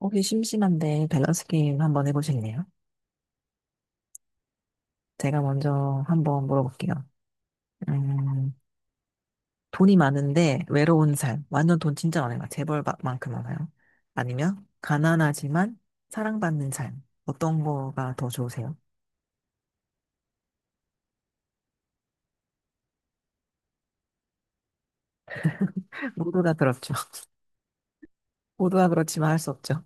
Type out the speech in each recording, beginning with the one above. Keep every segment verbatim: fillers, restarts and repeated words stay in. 혹시 심심한데 밸런스 게임 한번 해보실래요? 제가 먼저 한번 물어볼게요. 음, 돈이 많은데 외로운 삶. 완전 돈 진짜 많아요. 재벌만큼 많아요. 아니면 가난하지만 사랑받는 삶. 어떤 거가 더 좋으세요? 모두 다 그렇죠. 모두 다 그렇지만 할 수 없죠.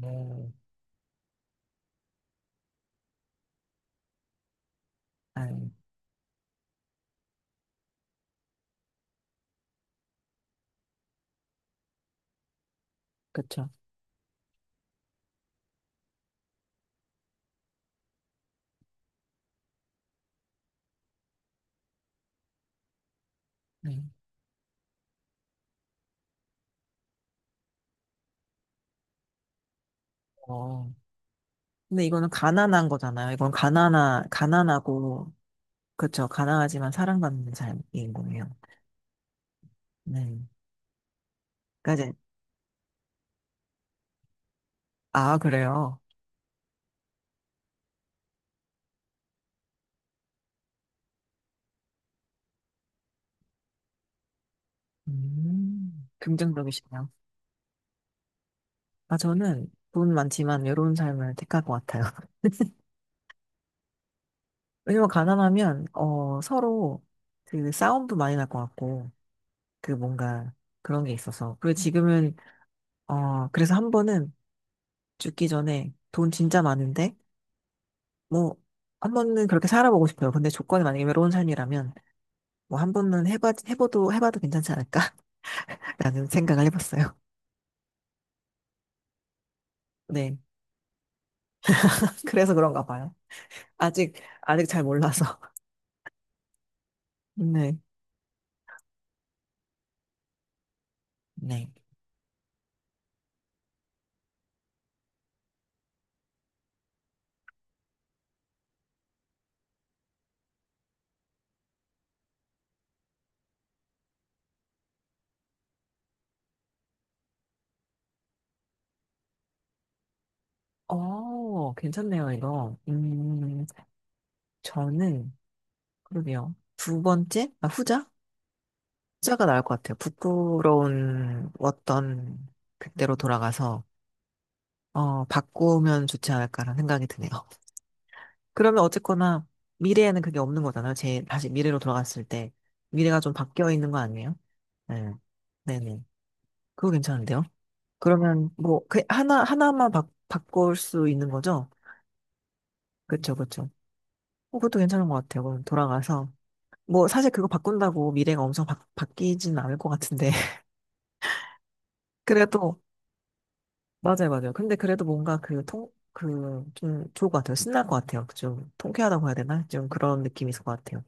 네. 아, 그렇죠. 네. 어. 근데 이거는 가난한 거잖아요. 이건 가난하, 가난하고, 그렇죠. 가난하지만 사랑받는 삶인 거예요. 네. 그러니까 이제, 아, 그래요. 음, 긍정적이시네요. 아, 저는 돈 많지만 외로운 삶을 택할 것 같아요. 왜냐면 가난하면, 어, 서로 그 싸움도 많이 날 것 같고, 그 뭔가 그런 게 있어서. 그리고 지금은, 어, 그래서 한 번은 죽기 전에 돈 진짜 많은데, 뭐, 한 번은 그렇게 살아보고 싶어요. 근데 조건이 만약에 외로운 삶이라면, 뭐 한 번은 해봐, 해봐도, 해봐도 괜찮지 않을까? 라는 생각을 해봤어요. 네. 그래서 그런가 봐요. 아직, 아직 잘 몰라서. 네. 네. 어, 괜찮네요, 이거. 음, 저는, 그러게요. 두 번째? 아, 후자? 후자가 나을 것 같아요. 부끄러운 어떤 그때로 돌아가서, 어, 바꾸면 좋지 않을까라는 생각이 드네요. 그러면 어쨌거나, 미래에는 그게 없는 거잖아요. 제, 다시 미래로 돌아갔을 때. 미래가 좀 바뀌어 있는 거 아니에요? 네. 네네. 그거 괜찮은데요? 그러면, 뭐, 그, 하나, 하나만 바, 바꿀 수 있는 거죠? 그쵸, 그쵸. 어, 그것도 괜찮은 것 같아요. 그럼 돌아가서. 뭐 사실 그거 바꾼다고 미래가 엄청 바, 바뀌진 않을 것 같은데. 그래도 맞아요, 맞아요. 근데 그래도 뭔가 그 통 그 좀 좋을 것 같아요. 신날 것 같아요. 좀 통쾌하다고 해야 되나, 좀 그런 느낌이 있을 것 같아요.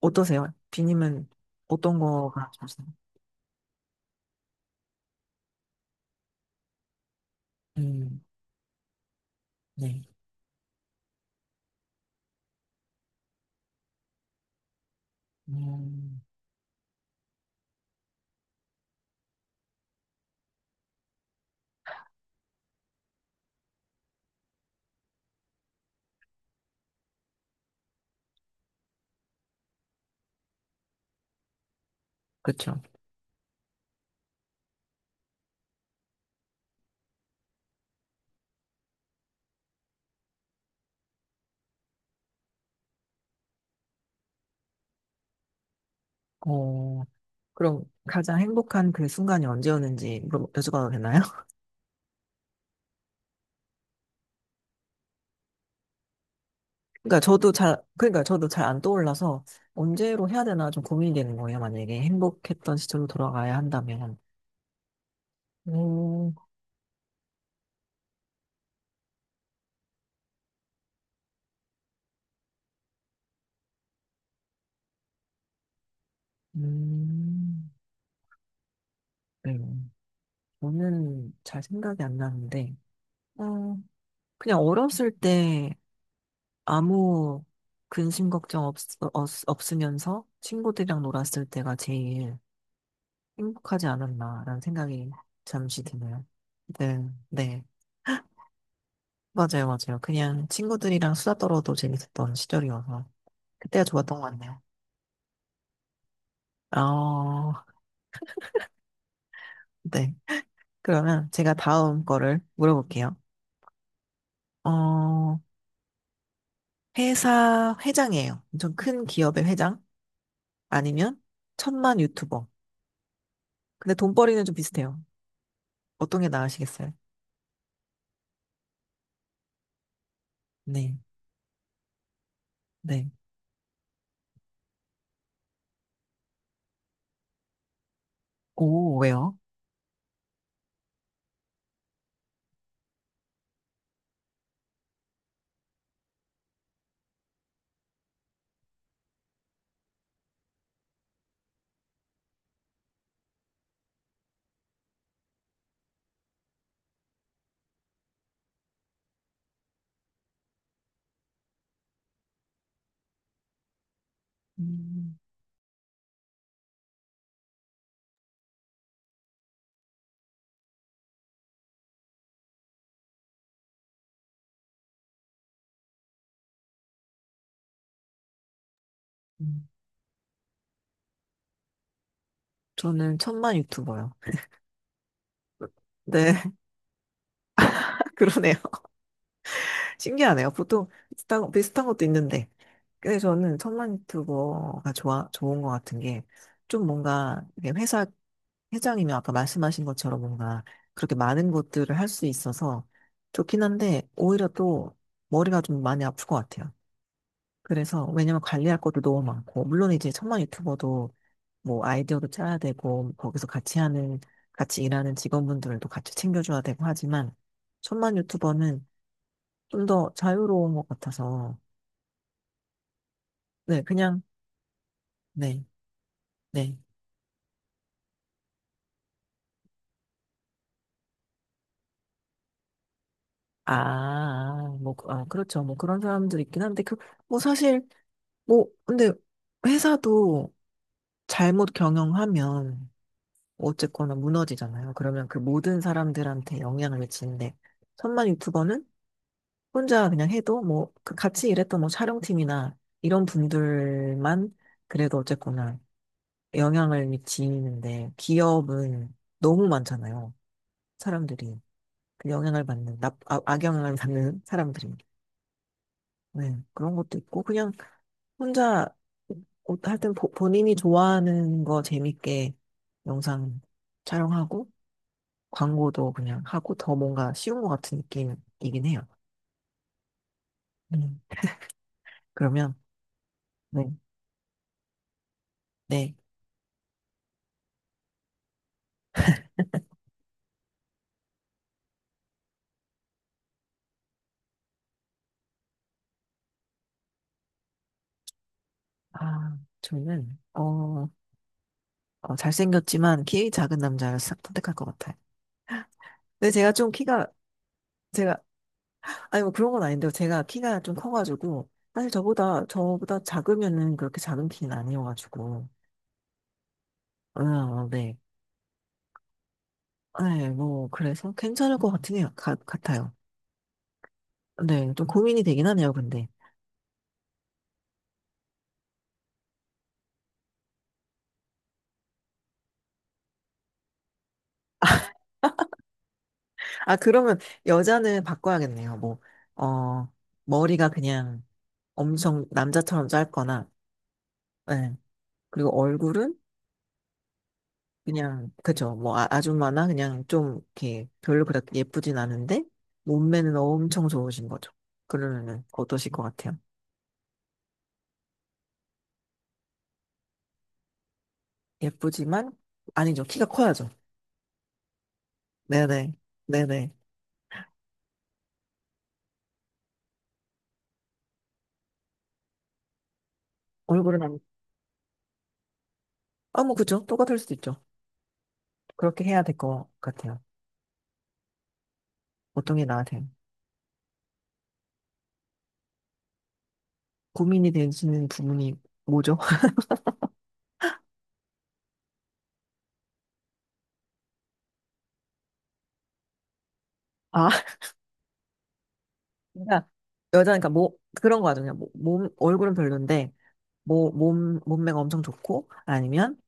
어떠세요, 비님은? 어떤 거가 좋으세요? 음네. 음, 그렇죠. 어, 그럼 가장 행복한 그 순간이 언제였는지 물어 여쭤봐도 되나요? 그러니까 저도 잘 그러니까 저도 잘 안 떠올라서 언제로 해야 되나 좀 고민이 되는 거예요, 만약에 행복했던 시절로 돌아가야 한다면. 오, 음, 네. 저는 잘 생각이 안 나는데, 어, 그냥 어렸을 때 아무 근심 걱정 없, 없, 없으면서 친구들이랑 놀았을 때가 제일 행복하지 않았나라는 생각이 잠시 드네요. 네, 네. 맞아요, 맞아요. 그냥 친구들이랑 수다 떨어도 재밌었던 시절이어서 그때가 좋았던 것 같네요. 어, 네. 그러면 제가 다음 거를 물어볼게요. 어, 회사 회장이에요. 엄청 큰 기업의 회장? 아니면 천만 유튜버. 근데 돈벌이는 좀 비슷해요. 어떤 게 나으시겠어요? 네, 네. 오, 왜요? 음, 음. 저는 천만 유튜버요. 네, 그러네요. 신기하네요. 보통 비슷한, 비슷한 것도 있는데. 근데 저는 천만 유튜버가 좋아, 좋은 것 같은 게, 좀 뭔가, 이게 회사, 회장이면 아까 말씀하신 것처럼 뭔가, 그렇게 많은 것들을 할 수 있어서 좋긴 한데, 오히려 또 머리가 좀 많이 아플 것 같아요. 그래서, 왜냐면 관리할 것도 너무 많고, 물론 이제 천만 유튜버도 뭐 아이디어도 짜야 되고, 거기서 같이 하는, 같이 일하는 직원분들도 같이 챙겨줘야 되고 하지만, 천만 유튜버는 좀 더 자유로운 것 같아서, 네, 그냥, 네, 네. 아, 뭐, 그- 아, 그렇죠. 뭐 그런 사람들 있긴 한데, 그, 뭐 사실, 뭐, 근데 회사도 잘못 경영하면 어쨌거나 무너지잖아요. 그러면 그 모든 사람들한테 영향을 미치는데, 천만 유튜버는 혼자 그냥 해도 뭐, 그 같이 일했던 뭐 촬영팀이나 이런 분들만 그래도 어쨌거나 영향을 미치는데, 기업은 너무 많잖아요. 사람들이. 그 영향을 받는, 나, 아, 악영향을 받는 사람들이. 네, 그런 것도 있고, 그냥 혼자 옷 하여튼 본인이 좋아하는 거 재밌게 영상 촬영하고 광고도 그냥 하고 더 뭔가 쉬운 것 같은 느낌이긴 해요. 음, 그러면 네, 네. 아, 저는 어, 어, 잘생겼지만 키 작은 남자를 싹 선택할 것 같아요. 근데 제가 좀 키가 제가 아니 뭐 그런 건 아닌데요. 제가 키가 좀 커가지고 사실 저보다 저보다 작으면은 그렇게 작은 키는 아니어가지고 음, 네. 네, 뭐, 그래서 괜찮을 것같네요. 가- 같아요. 네, 좀 고민이 되긴 하네요, 근데. 아, 그러면 여자는 바꿔야겠네요. 뭐, 어, 머리가 그냥 엄청 남자처럼 짧거나, 네. 그리고 얼굴은 그냥, 그죠. 뭐, 아, 아줌마나 그냥 좀, 이렇게 별로 그렇게 예쁘진 않은데, 몸매는 엄청 좋으신 거죠. 그러면은 어떠실 것 같아요? 예쁘지만, 아니죠. 키가 커야죠. 네네. 네네. 얼굴은 안, 아, 뭐, 그죠. 똑같을 수도 있죠. 그렇게 해야 될 것 같아요. 어떤 게 나한테 고민이 되시는 부분이 뭐죠? 아, 그러니까 여자니까 뭐 그런 거 같아요. 뭐, 몸 얼굴은 별론데 뭐 몸 몸매가 엄청 좋고, 아니면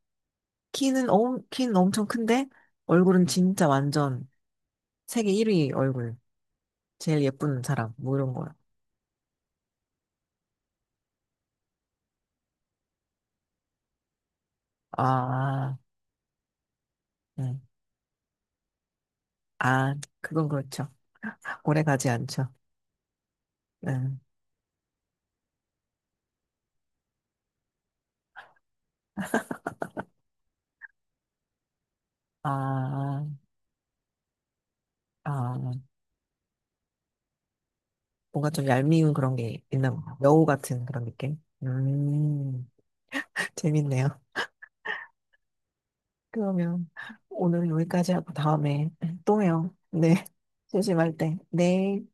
키는 엄 키는 엄청 큰데 얼굴은 진짜 완전 세계 일 위 얼굴 제일 예쁜 사람 뭐 이런 거요. 아, 네. 아, 그건 그렇죠. 오래 가지 않죠. 네. 아, 아. 뭔가 좀 얄미운 그런 게 있나 봐요. 여우 같은 그런 느낌? 음, 재밌네요. 그러면 오늘은 여기까지 하고 다음에 또 해요. 네, 조심할 때. 네.